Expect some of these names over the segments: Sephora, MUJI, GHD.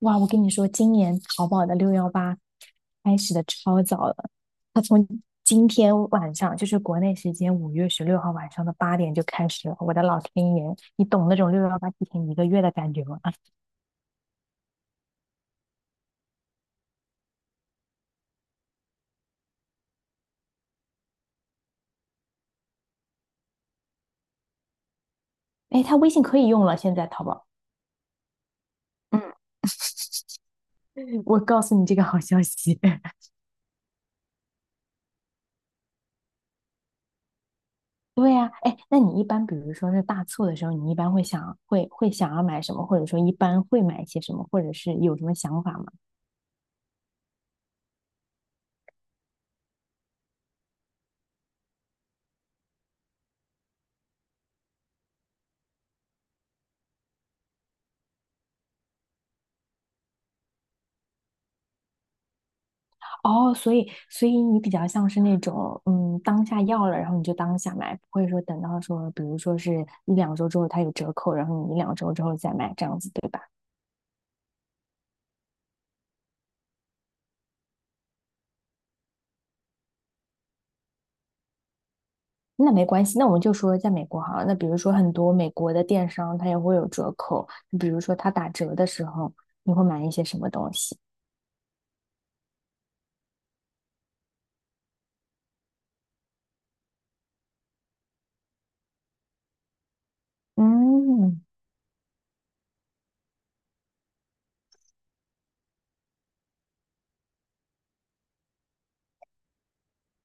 哇，我跟你说，今年淘宝的六幺八开始的超早了，它从今天晚上，就是国内时间5月16号晚上的八点就开始了。我的老天爷，你懂那种六幺八提前一个月的感觉吗？哎，他微信可以用了，现在淘宝。嗯。我告诉你这个好消息。对呀，哎，那你一般比如说是大促的时候，你一般会想要买什么，或者说一般会买一些什么，或者是有什么想法吗？哦，所以你比较像是那种，嗯，当下要了，然后你就当下买，不会说等到说，比如说是一两周之后它有折扣，然后你一两周之后再买这样子，对吧？那没关系，那我们就说在美国好了，那比如说很多美国的电商它也会有折扣，比如说它打折的时候，你会买一些什么东西？嗯，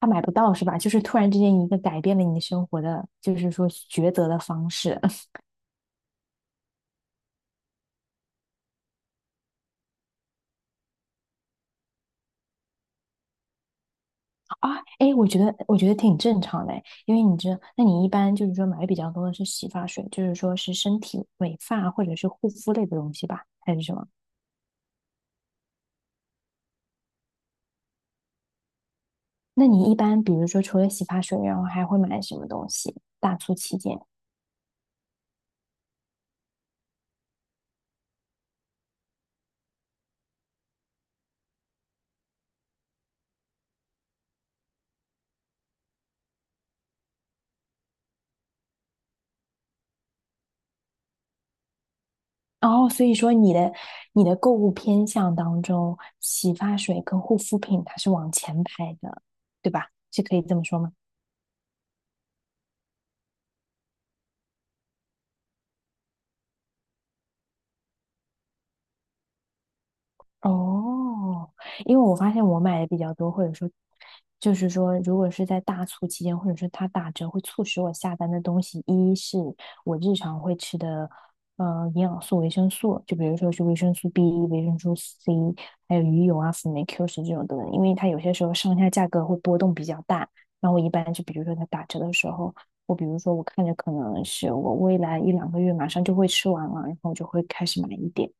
它买不到是吧？就是突然之间一个改变了你生活的，就是说抉择的方式。啊，哎，我觉得挺正常的诶，因为你知道，那你一般就是说买的比较多的是洗发水，就是说是身体美发或者是护肤类的东西吧，还是什么？那你一般比如说除了洗发水，然后还会买什么东西？大促期间。哦，所以说你的购物偏向当中，洗发水跟护肤品它是往前排的，对吧？是可以这么说吗？哦，因为我发现我买的比较多，或者说，就是说，如果是在大促期间，或者是它打折，会促使我下单的东西，一是我日常会吃的，营养素、维生素，就比如说是维生素 B、维生素 C，还有鱼油啊、辅酶Q10这种等等，因为它有些时候上下价格会波动比较大，然后我一般就比如说它打折的时候，我比如说我看着可能是我未来一两个月马上就会吃完了，然后我就会开始买一点。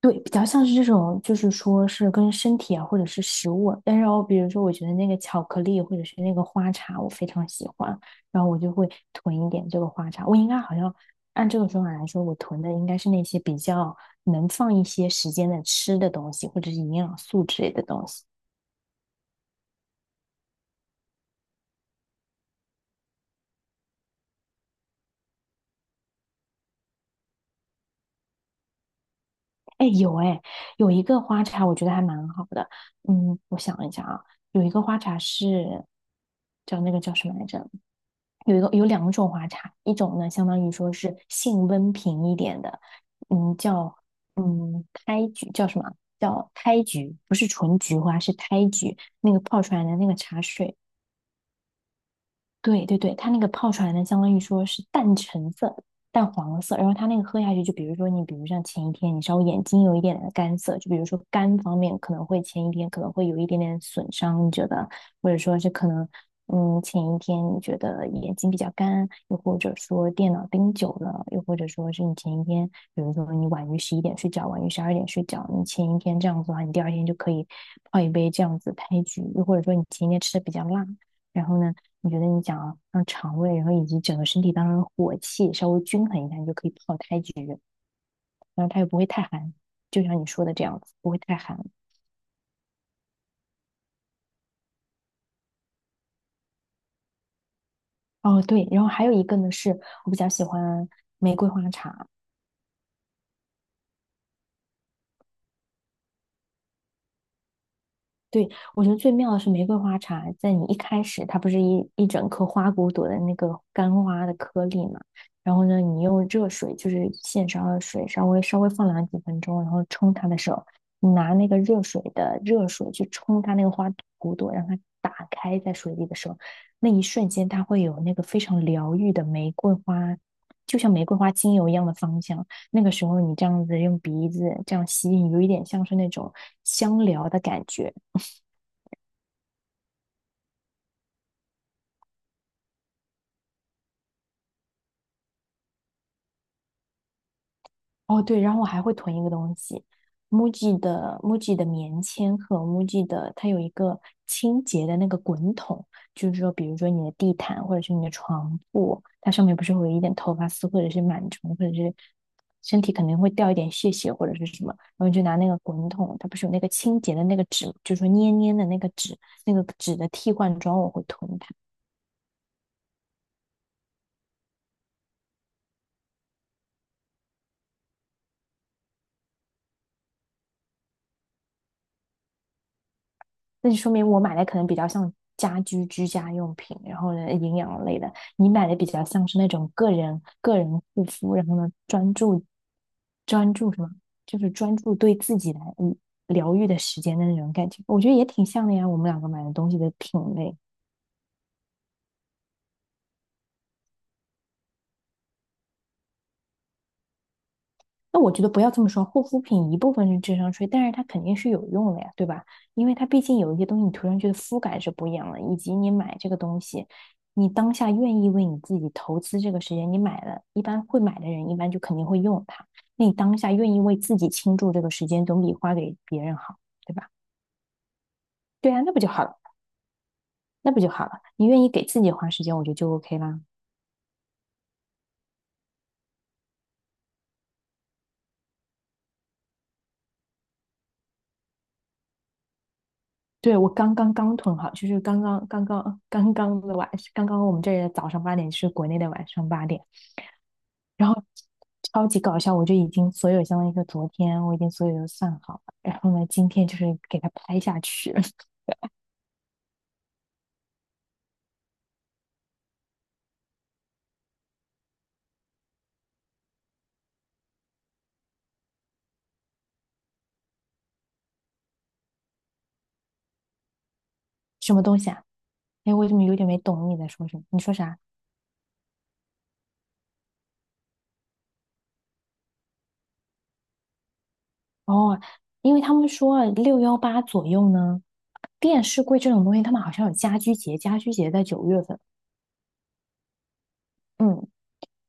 对，比较像是这种，就是说是跟身体啊，或者是食物啊，但是哦，比如说，我觉得那个巧克力或者是那个花茶，我非常喜欢，然后我就会囤一点这个花茶。我应该好像按这个说法来说，我囤的应该是那些比较能放一些时间的吃的东西，或者是营养素之类的东西。哎，有哎，有一个花茶，我觉得还蛮好的。嗯，我想一下啊，有一个花茶是叫那个叫什么来着？有一个有两种花茶，一种呢相当于说是性温平一点的，嗯，叫胎菊，叫什么？叫胎菊，不是纯菊花，是胎菊。那个泡出来的那个茶水对对对，它那个泡出来呢，相当于说是淡橙色、淡黄色，然后它那个喝下去，就比如说你，比如像前一天你稍微眼睛有一点点干涩，就比如说肝方面可能会前一天可能会有一点点损伤，你觉得，或者说是可能，嗯，前一天你觉得眼睛比较干，又或者说电脑盯久了，又或者说是你前一天，比如说你晚于11点睡觉，晚于12点睡觉，你前一天这样子的话，你第二天就可以泡一杯这样子开局，又或者说你前一天吃的比较辣。然后呢，你觉得你想要让肠胃，然后以及整个身体当中的火气稍微均衡一下，你就可以泡胎菊。然后它又不会太寒，就像你说的这样子，不会太寒。哦，对，然后还有一个呢，是我比较喜欢玫瑰花茶。对，我觉得最妙的是玫瑰花茶，在你一开始，它不是一整颗花骨朵的那个干花的颗粒嘛？然后呢，你用热水，就是现烧的水，稍微稍微放凉几分钟，然后冲它的时候，你拿那个热水的热水去冲它那个花骨朵，让它打开在水里的时候，那一瞬间它会有那个非常疗愈的玫瑰花，就像玫瑰花精油一样的芳香。那个时候你这样子用鼻子这样吸，有一点像是那种香疗的感觉。哦，对，然后我还会囤一个东西，MUJI 的 MUJI 的棉签和 MUJI 的，它有一个清洁的那个滚筒，就是说，比如说你的地毯或者是你的床铺，它上面不是会有一点头发丝或者是螨虫，或者是身体肯定会掉一点屑屑或者是什么，然后你就拿那个滚筒，它不是有那个清洁的那个纸，就是说捏捏的那个纸，那个纸的替换装，我会囤它。那就说明我买的可能比较像家居居家用品，然后呢营养类的，你买的比较像是那种个人护肤，然后呢专注什么，就是专注对自己来疗愈的时间的那种感觉，我觉得也挺像的呀，我们两个买的东西的品类。那我觉得不要这么说，护肤品一部分是智商税，但是它肯定是有用的呀，对吧？因为它毕竟有一些东西你涂上去的肤感是不一样的，以及你买这个东西，你当下愿意为你自己投资这个时间，你买了，一般会买的人一般就肯定会用它。那你当下愿意为自己倾注这个时间，总比花给别人好，对吧？对啊，那不就好了，那不就好了。你愿意给自己花时间，我觉得就 OK 啦。对，我刚囤好，就是刚刚的晚，刚刚我们这里的早上八点是国内的晚上八点。然后超级搞笑，我就已经所有相当于说昨天我已经所有都算好了，然后呢，今天就是给它拍下去。什么东西啊？哎，我怎么有点没懂你在说什么？你说啥？哦，因为他们说啊六幺八左右呢，电视柜这种东西，他们好像有家居节，家居节在九月份。嗯，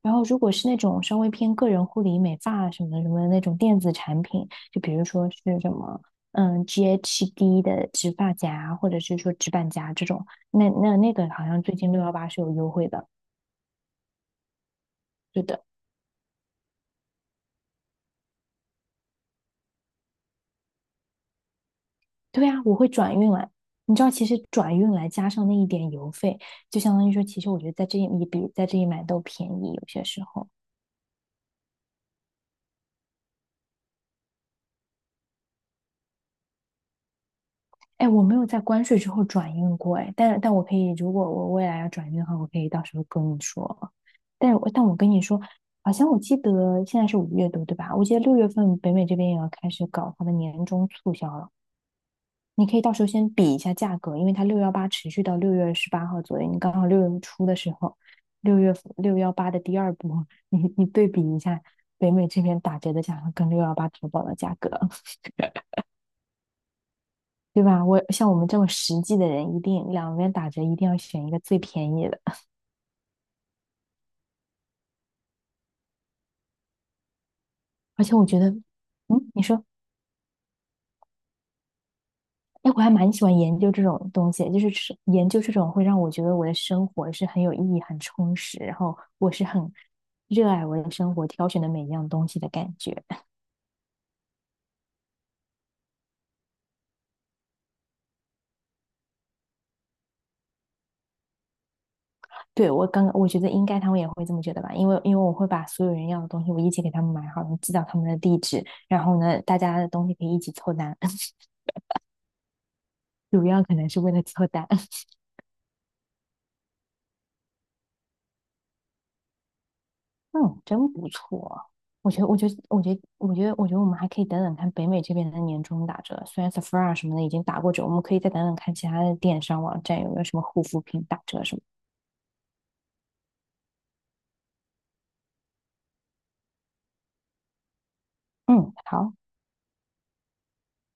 然后，如果是那种稍微偏个人护理、美发什么什么的那种电子产品，就比如说是什么，嗯，GHD 的直发夹，或者是说直板夹这种，那个好像最近六幺八是有优惠的。对的。对啊，我会转运来。你知道，其实转运来加上那一点邮费，就相当于说，其实我觉得在这里也比在这里买都便宜，有些时候。哎，我没有在关税之后转运过哎，但我可以，如果我未来要转运的话，我可以到时候跟你说。但我跟你说，好像我记得现在是五月多，对吧？我记得六月份北美这边也要开始搞它的年终促销了，你可以到时候先比一下价格，因为它六幺八持续到6月18号左右，你刚好六月初的时候，六月六幺八的第二波，你对比一下北美这边打折的价格跟六幺八淘宝的价格。对吧？我像我们这么实际的人，一定两边打折，一定要选一个最便宜的。而且我觉得，嗯，你说，哎，我还蛮喜欢研究这种东西，就是吃研究这种会让我觉得我的生活是很有意义、很充实，然后我是很热爱我的生活，挑选的每一样东西的感觉。对，我刚刚我觉得应该他们也会这么觉得吧，因为我会把所有人要的东西我一起给他们买好，然后寄到他们的地址，然后呢，大家的东西可以一起凑单，主要可能是为了凑单。嗯，真不错。我觉得我们还可以等等看北美这边的年终打折。虽然 Sephora 什么的已经打过折，我们可以再等等看其他的电商网站有没有什么护肤品打折什么。嗯，好。